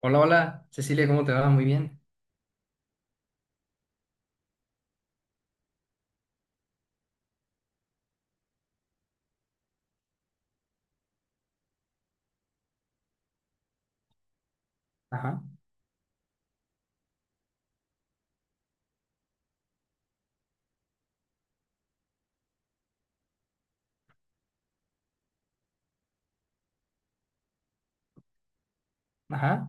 Hola, hola, Cecilia, ¿cómo te va? Muy bien. Ajá, ajá,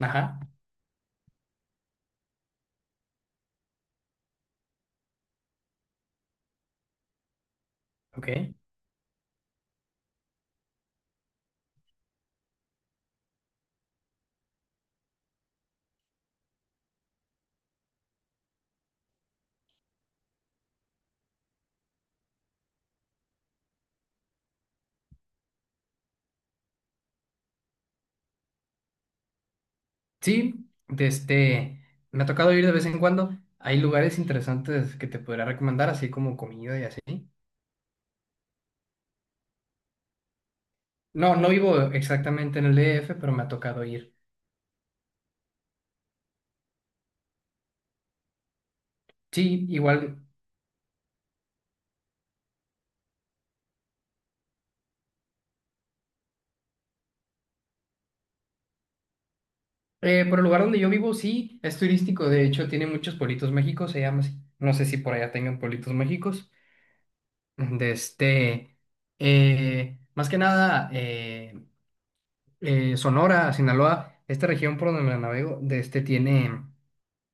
ajá, ok. Sí, me ha tocado ir de vez en cuando. Hay lugares interesantes que te podría recomendar, así como comida y así. No, no vivo exactamente en el DF, pero me ha tocado ir. Sí, igual, por el lugar donde yo vivo, sí, es turístico. De hecho, tiene muchos pueblitos México, se llama así. No sé si por allá tengan pueblitos Méxicos. Desde, Más que nada, Sonora, Sinaloa, esta región por donde me la navego, de este tiene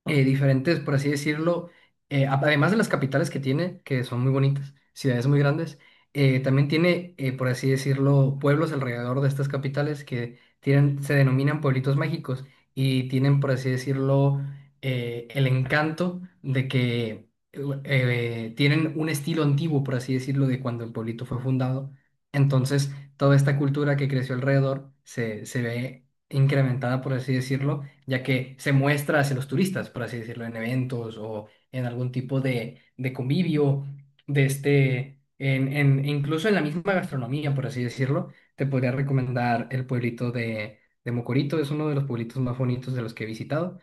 diferentes, por así decirlo, además de las capitales que tiene, que son muy bonitas, ciudades muy grandes, también tiene, por así decirlo, pueblos alrededor de estas capitales que tienen, se denominan pueblitos mágicos y tienen, por así decirlo, el encanto de que tienen un estilo antiguo, por así decirlo, de cuando el pueblito fue fundado. Entonces, toda esta cultura que creció alrededor se ve incrementada, por así decirlo, ya que se muestra hacia los turistas, por así decirlo, en eventos o en algún tipo de convivio, de este, en, incluso en la misma gastronomía, por así decirlo, te podría recomendar el pueblito de Mocorito, es uno de los pueblitos más bonitos de los que he visitado,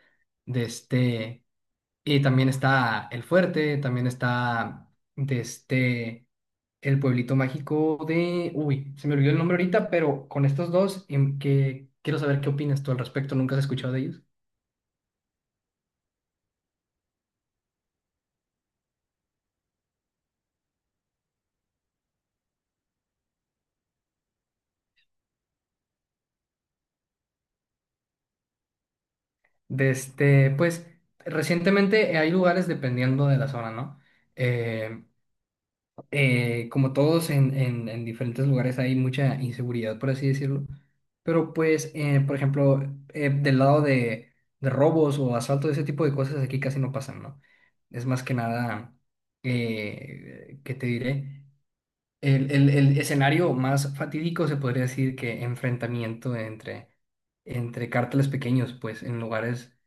de este, y también está El Fuerte, también está de este, el pueblito mágico uy, se me olvidó el nombre ahorita, pero con estos dos, que quiero saber qué opinas tú al respecto. ¿Nunca has escuchado de ellos? Pues recientemente, hay lugares dependiendo de la zona, ¿no? Eh, Como todos en diferentes lugares hay mucha inseguridad, por así decirlo. Pero pues, por ejemplo, del lado de, robos o asalto, ese tipo de cosas aquí casi no pasan, ¿no? Es más que nada, ¿qué te diré? El escenario más fatídico se podría decir que enfrentamiento entre, cárteles pequeños, pues en lugares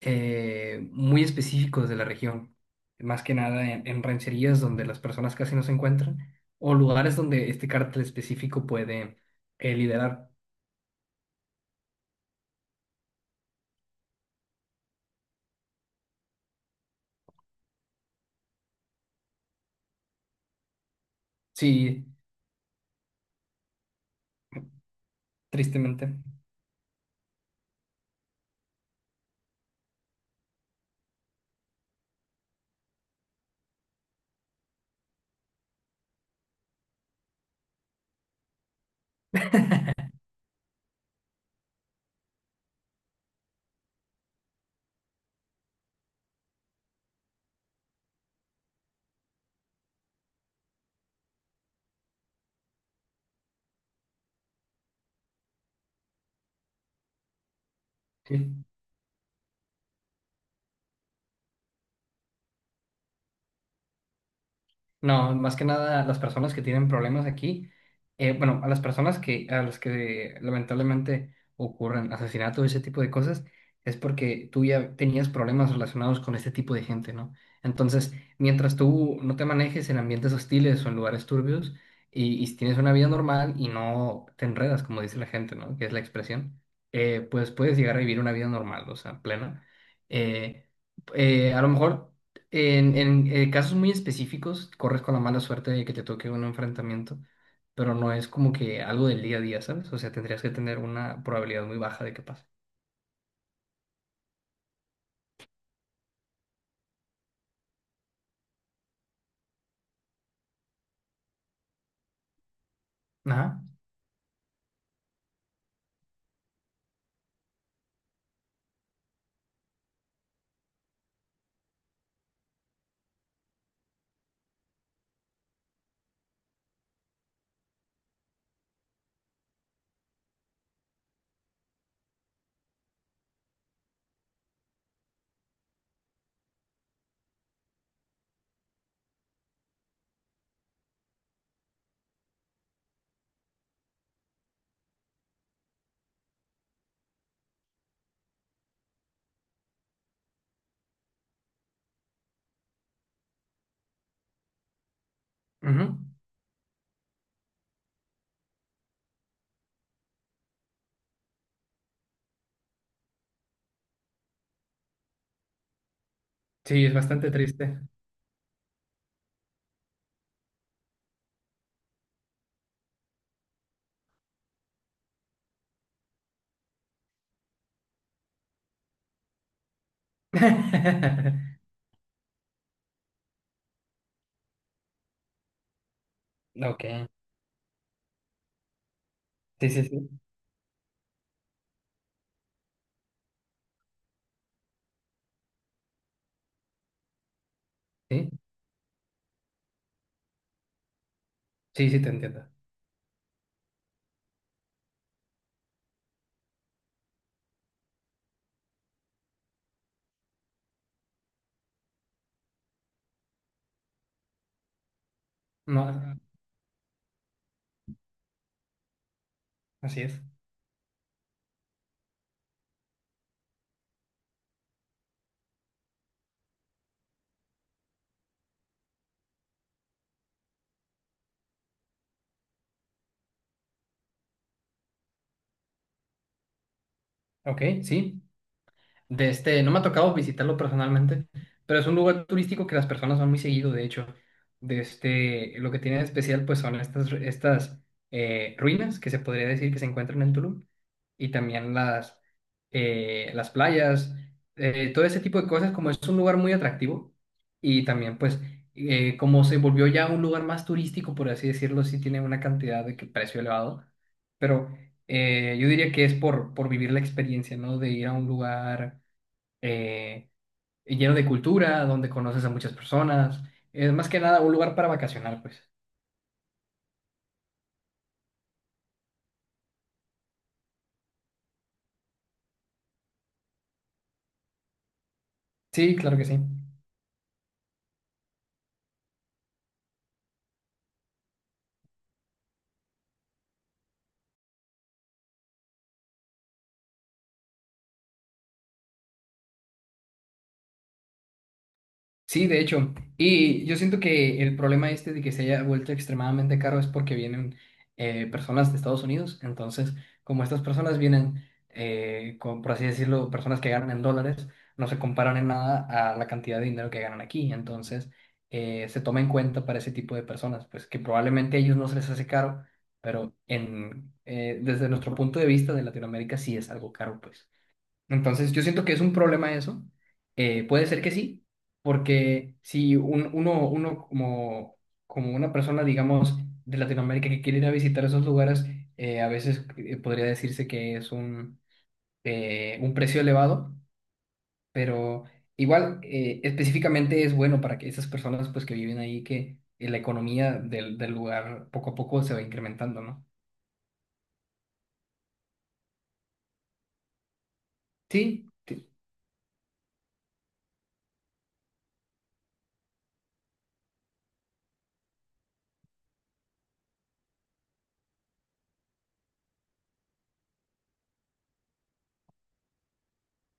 muy específicos de la región, más que nada en rancherías donde las personas casi no se encuentran, o lugares donde este cártel específico puede liderar. Sí, tristemente. Sí. No, más que nada a las personas que tienen problemas aquí, bueno, a las personas que, a las que lamentablemente ocurren asesinatos y ese tipo de cosas, es porque tú ya tenías problemas relacionados con este tipo de gente, ¿no? Entonces, mientras tú no te manejes en ambientes hostiles o en lugares turbios y si tienes una vida normal y no te enredas, como dice la gente, ¿no? Que es la expresión, pues puedes llegar a vivir una vida normal, o sea, plena. Eh, a lo mejor casos muy específicos, corres con la mala suerte de que te toque un enfrentamiento, pero no es como que algo del día a día, ¿sabes? O sea, tendrías que tener una probabilidad muy baja de que pase. Ajá. Ujú. Sí, es bastante triste. Ok. Sí, sí, sí. Sí, sí, sí, te entiendo. No, así es. Ok, sí. No me ha tocado visitarlo personalmente, pero es un lugar turístico que las personas van muy seguido, de hecho. Lo que tiene de especial, pues son estas ruinas que se podría decir que se encuentran en Tulum y también las playas, todo ese tipo de cosas, como es un lugar muy atractivo y también pues como se volvió ya un lugar más turístico, por así decirlo, sí tiene una cantidad de que precio elevado, pero yo diría que es por vivir la experiencia, ¿no? De ir a un lugar eh, lleno de cultura, donde conoces a muchas personas. Es más que nada un lugar para vacacionar, pues. Sí, claro que sí. Sí, de hecho. Y yo siento que el problema este de que se haya vuelto extremadamente caro es porque vienen personas de Estados Unidos. Entonces, como estas personas vienen, con, por así decirlo, personas que ganan en dólares, no se comparan en nada a la cantidad de dinero que ganan aquí. Entonces, se toma en cuenta para ese tipo de personas, pues que probablemente a ellos no se les hace caro, pero desde nuestro punto de vista de Latinoamérica sí es algo caro, pues. Entonces, yo siento que es un problema eso. Puede ser que sí, porque si uno como, una persona, digamos, de Latinoamérica que quiere ir a visitar esos lugares, a veces podría decirse que es un precio elevado, pero igual específicamente es bueno para que esas personas pues, que viven ahí, que la economía del lugar poco a poco se va incrementando, ¿no? Sí, sí,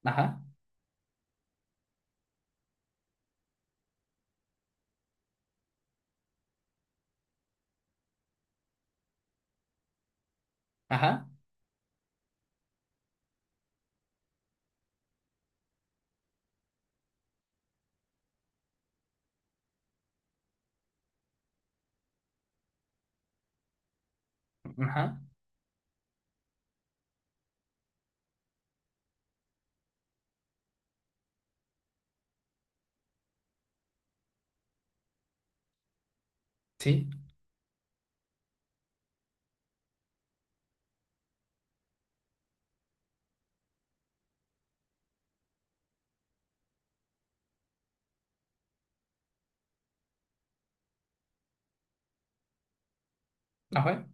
ajá, ajá, ajá, sí, ajá.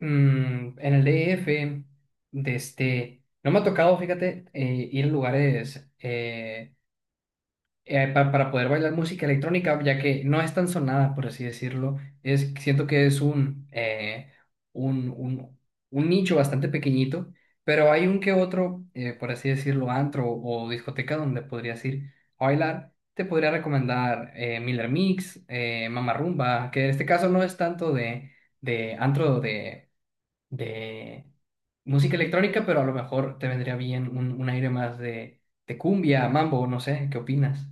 En el D DF, no me ha tocado, fíjate, ir a lugares para poder bailar música electrónica, ya que no es tan sonada, por así decirlo. Siento que es un, un, un nicho bastante pequeñito, pero hay un que otro, por así decirlo, antro o discoteca donde podrías ir a bailar. Te podría recomendar Miller Mix, Mama Rumba, que en este caso no es tanto de antro de música electrónica, pero a lo mejor te vendría bien un aire más de cumbia, mambo, no sé, ¿qué opinas?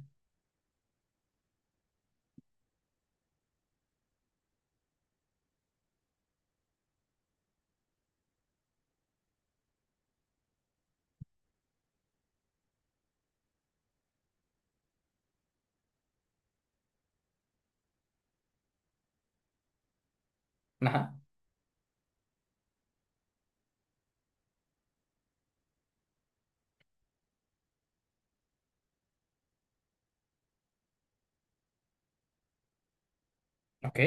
Ajá, ok,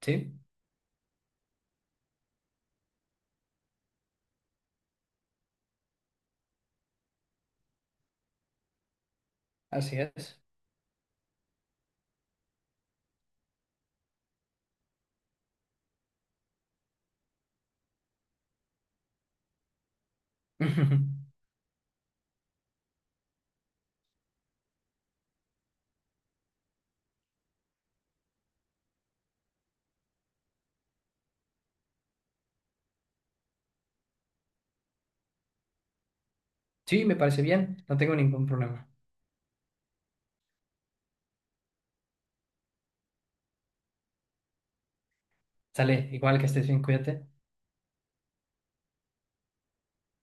sí, así es. Sí, me parece bien, no tengo ningún problema. Sale, igual que estés bien, cuídate.